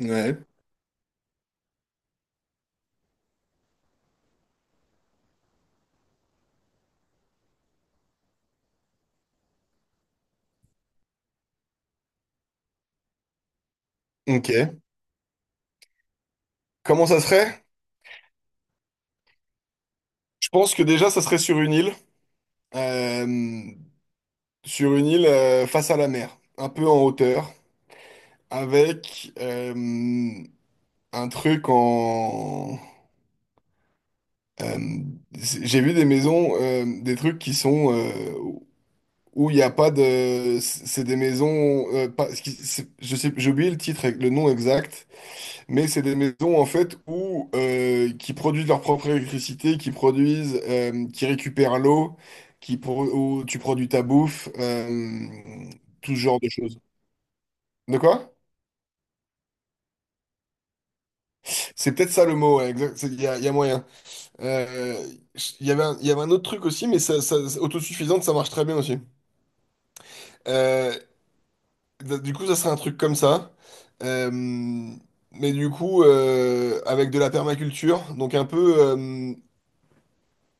Ouais, ok. Comment ça serait? Je pense que déjà, ça serait euh, sur une île face à la mer, un peu en hauteur, avec un truc en... euh, j'ai vu des maisons, des trucs qui sont où il n'y a pas de... C'est des maisons... pas, je sais, j'ai oublié le titre, le nom exact. Mais c'est des maisons en fait où qui produisent leur propre électricité, qui produisent, qui récupèrent l'eau, où tu produis ta bouffe, tout ce genre de choses. De quoi? C'est peut-être ça le mot, ouais, exact, il y a moyen. Euh, il y avait un autre truc aussi, mais ça, autosuffisante, ça marche très bien aussi. Euh, du coup, ça serait un truc comme ça. Euh, mais du coup, avec de la permaculture, donc un peu.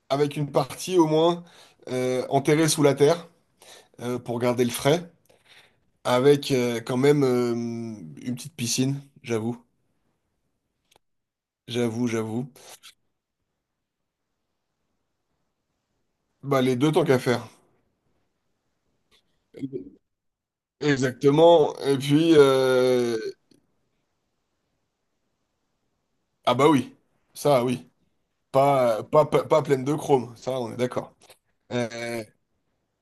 Avec une partie au moins enterrée sous la terre pour garder le frais, avec quand même une petite piscine, j'avoue, j'avoue, j'avoue. Bah les deux tant qu'à faire. Exactement. Et puis ah bah oui, ça oui, pas pleine de chrome, ça on est d'accord. Euh,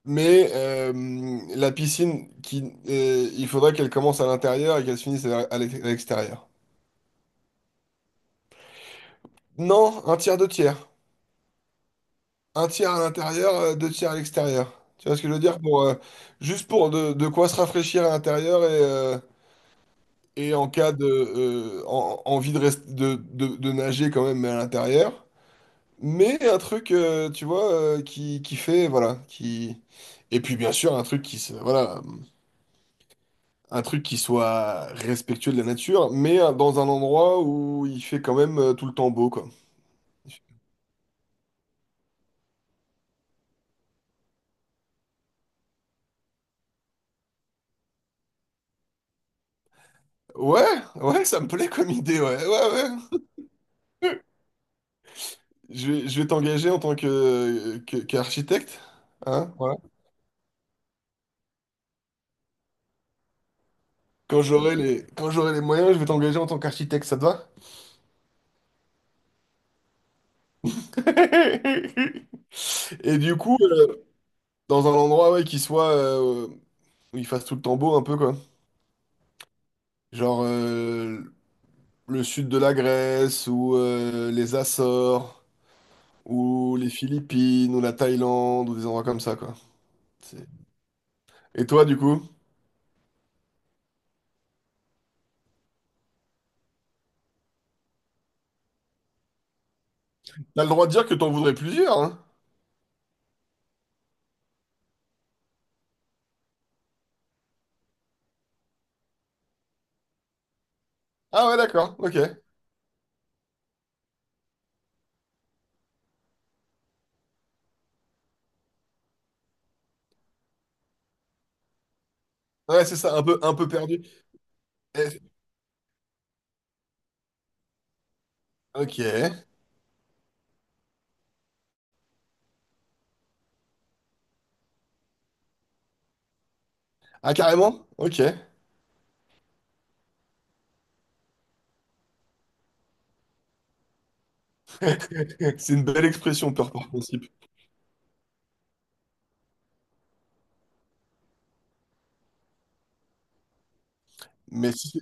mais la piscine qui il faudrait qu'elle commence à l'intérieur et qu'elle se finisse à l'extérieur. Non, un tiers, deux tiers. Un tiers à l'intérieur, deux tiers à l'extérieur. Tu vois ce que je veux dire? Pour, juste pour de quoi se rafraîchir à l'intérieur et en cas de envie de, de nager quand même mais à l'intérieur. Mais un truc, tu vois, qui fait, voilà, qui... Et puis bien sûr, un truc qui se, voilà, un truc qui soit respectueux de la nature, mais dans un endroit où il fait quand même tout le temps beau, quoi. Ouais, ouais, ça me plaît comme idée, ouais, ouais, ouais. Je vais t'engager en tant qu'architecte, hein? Voilà. Quand j'aurai les moyens, je vais t'engager en tant qu'architecte, ça te va? Et du coup, dans un endroit ouais, qui soit où il fasse tout le temps beau un peu quoi. Genre le sud de la Grèce ou les Açores ou les Philippines ou la Thaïlande ou des endroits comme ça quoi. C'est- Et toi du coup, t'as le droit de dire que t'en voudrais plusieurs, hein? Ah ouais d'accord, ok. Ouais c'est ça, un peu perdu. Eh, ok. Ah, carrément? Ok. C'est une belle expression, peur par principe. Mais si...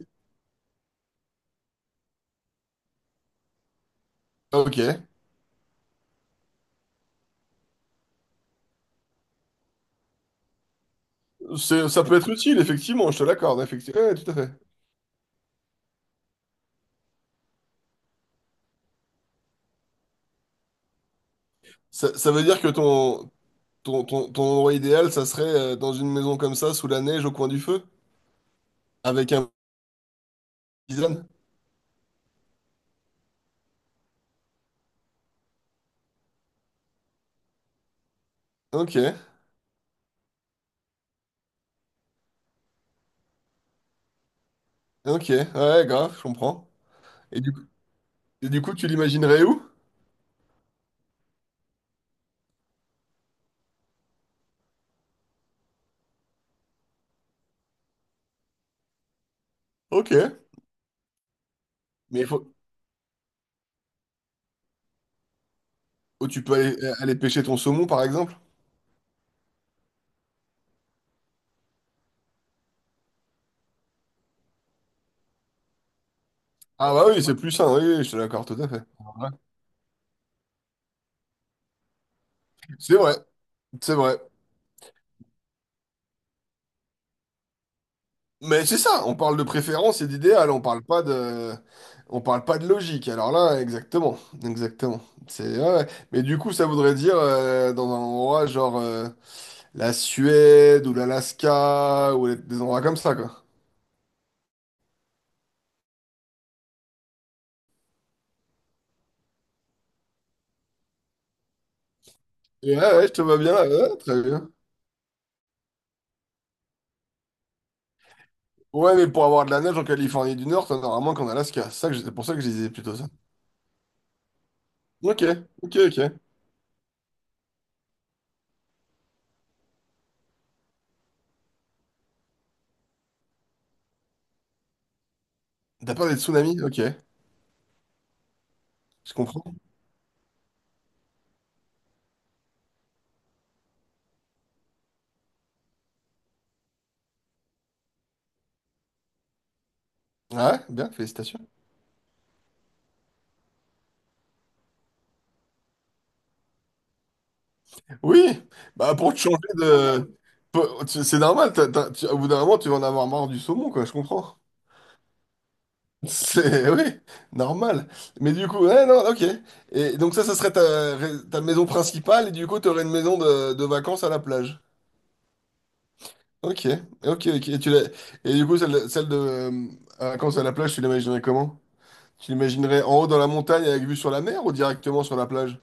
ah, ok. Ça peut être utile, effectivement, je te l'accorde, effectivement. Ouais, tout à fait. Ça veut dire que ton endroit idéal, ça serait dans une maison comme ça, sous la neige, au coin du feu, avec un tisane. Ok, ok, ouais, grave, je comprends. Et du coup, et du coup, tu l'imaginerais où? Ok. Mais il faut... où tu peux aller pêcher ton saumon, par exemple? Ah bah oui, c'est plus sain, oui, oui, je te l'accorde, tout à fait. Ouais. C'est vrai, c'est vrai. Mais c'est ça, on parle de préférence et d'idéal, on parle pas de logique. Alors là, exactement, exactement. C'est ouais, ouais. Mais du coup, ça voudrait dire dans un endroit genre la Suède ou l'Alaska ou des endroits comme ça, quoi. Et ouais, ouais, je te vois bien là, ouais, très bien. Ouais, mais pour avoir de la neige en Californie du Nord, t'en auras moins qu'en Alaska. C'est ça que c'est pour ça que je disais plutôt ça. Ok, ok, ok. T'as peur des tsunamis? Ok, je comprends. Ouais, bien, félicitations. Oui, bah pour te changer de... c'est normal, au bout d'un moment, tu vas en avoir marre du saumon, quoi, je comprends. C'est... Oui, normal. Mais du coup, ouais, non, ok. Et donc ça serait ta maison principale, et du coup, tu aurais une maison de vacances à la plage. Ok, ok, ok. Et, et du coup, celle de à vacances à la plage, tu l'imaginerais comment? Tu l'imaginerais en haut dans la montagne avec vue sur la mer ou directement sur la plage?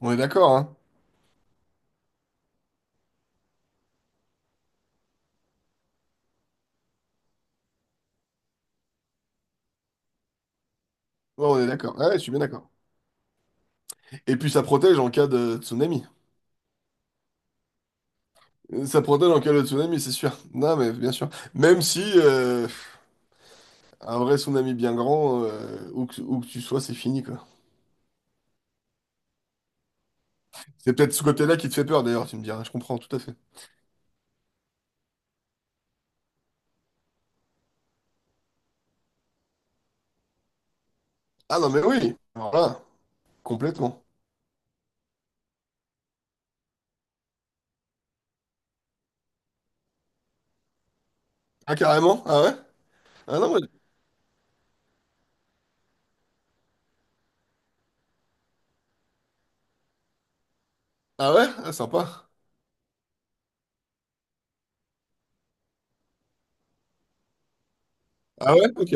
On est d'accord, hein? Ouais, on est d'accord. Ouais, je suis bien d'accord. Et puis ça protège en cas de tsunami. Ça protège en cas de tsunami, c'est sûr. Non, mais bien sûr. Même si un vrai tsunami bien grand, où que tu sois, c'est fini, quoi. C'est peut-être ce côté-là qui te fait peur, d'ailleurs, tu me diras. Je comprends, tout à fait. Ah non, mais oui! Alors là, complètement. Ah, carrément? Ah ouais? Ah non, mais... Ah ouais? Ah, sympa. Ah ouais? Ok.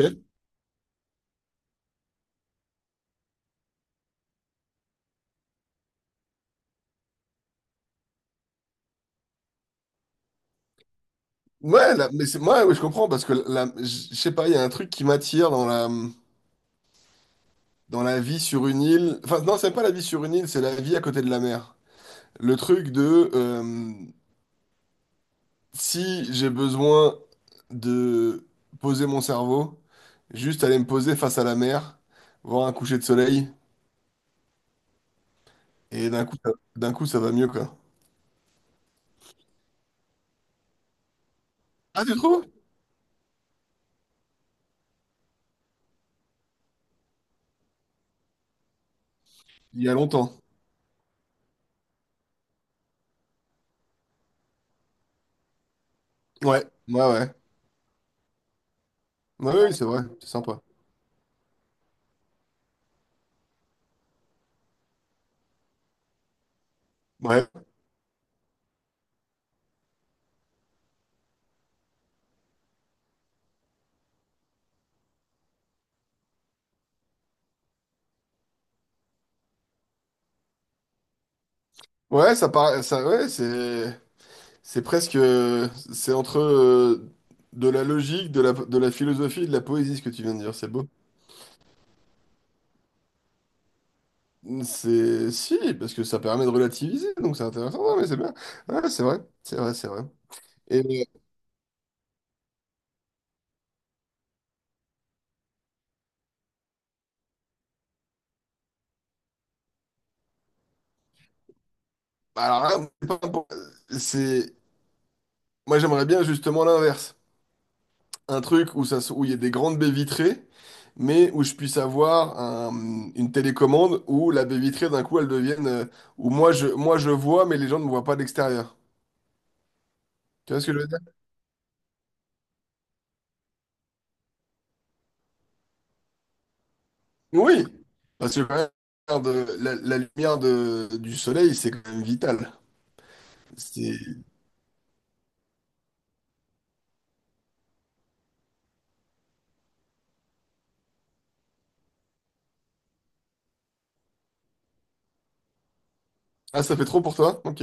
Ouais, là, mais c'est... Moi, oui, je comprends, parce que là, je sais pas, il y a un truc qui m'attire dans la vie sur une île. Enfin, non, c'est pas la vie sur une île, c'est la vie à côté de la mer. Le truc de... si j'ai besoin de poser mon cerveau, juste aller me poser face à la mer, voir un coucher de soleil, et d'un coup, d'un coup, ça va mieux, quoi. Ah, tu trouves? Il y a longtemps. Ouais, ouais, ouais. Ouais, oui, c'est vrai, c'est sympa. Ouais, ouais, ça paraît, ça, ouais, c'est presque, c'est entre de la logique, de la philosophie et de la poésie, ce que tu viens de dire, c'est beau. C'est, si, parce que ça permet de relativiser, donc c'est intéressant, ouais, mais c'est bien. Ouais, c'est vrai, c'est vrai, c'est vrai. Bah alors là, c'est pas pour- c'est- moi j'aimerais bien justement l'inverse. Un truc où où il y a des grandes baies vitrées, mais où je puisse avoir une télécommande où la baie vitrée d'un coup elle devienne, où moi je vois mais les gens ne me voient pas de l'extérieur. Tu vois ce que je veux dire? Oui, parce que quand même, la lumière du soleil c'est quand même vital. C'est- Ah ça fait trop pour toi? Ok.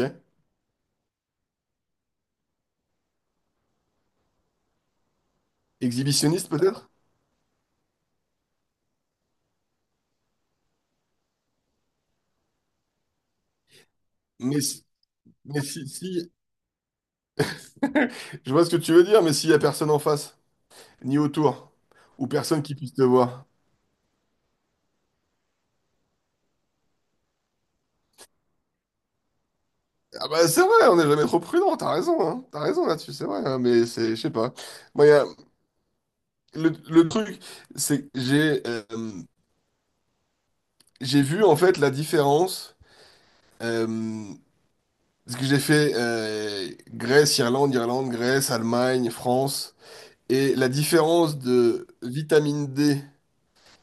Exhibitionniste peut-être? Mais, si- mais si, si, je vois ce que tu veux dire, mais s'il y a personne en face. Ni autour, ou personne qui puisse te voir. Ah bah c'est vrai, on n'est jamais trop prudent, t'as raison, hein. T'as raison là-dessus, c'est vrai, hein, mais c'est, je sais pas. Moi, le truc, c'est que j'ai vu en fait la différence, euh, parce que j'ai fait Grèce, Irlande, Irlande, Grèce, Allemagne, France, et la différence de vitamine D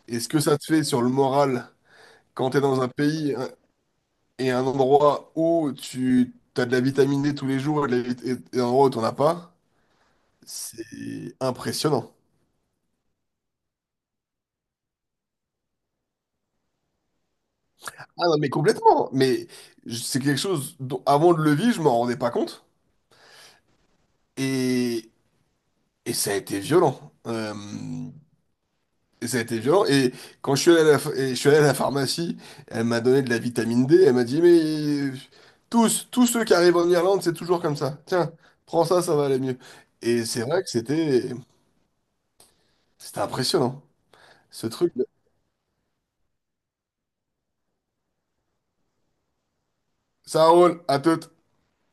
et ce que ça te fait sur le moral quand t'es dans un pays et un endroit où tu as de la vitamine D tous les jours et, de la vit- et un endroit où tu n'en as pas, c'est impressionnant. Ah non, mais complètement. Mais c'est quelque chose dont, avant de le vivre, je m'en rendais pas compte. Et, et ça a été violent. Et ça a été violent. Et quand je suis allé à la, ph- et je suis allé à la pharmacie, elle m'a donné de la vitamine D. Elle m'a dit, mais tous ceux qui arrivent en Irlande, c'est toujours comme ça. Tiens, prends ça, ça va aller mieux. Et c'est vrai que c'était impressionnant. Ce truc. Ça roule, à toutes.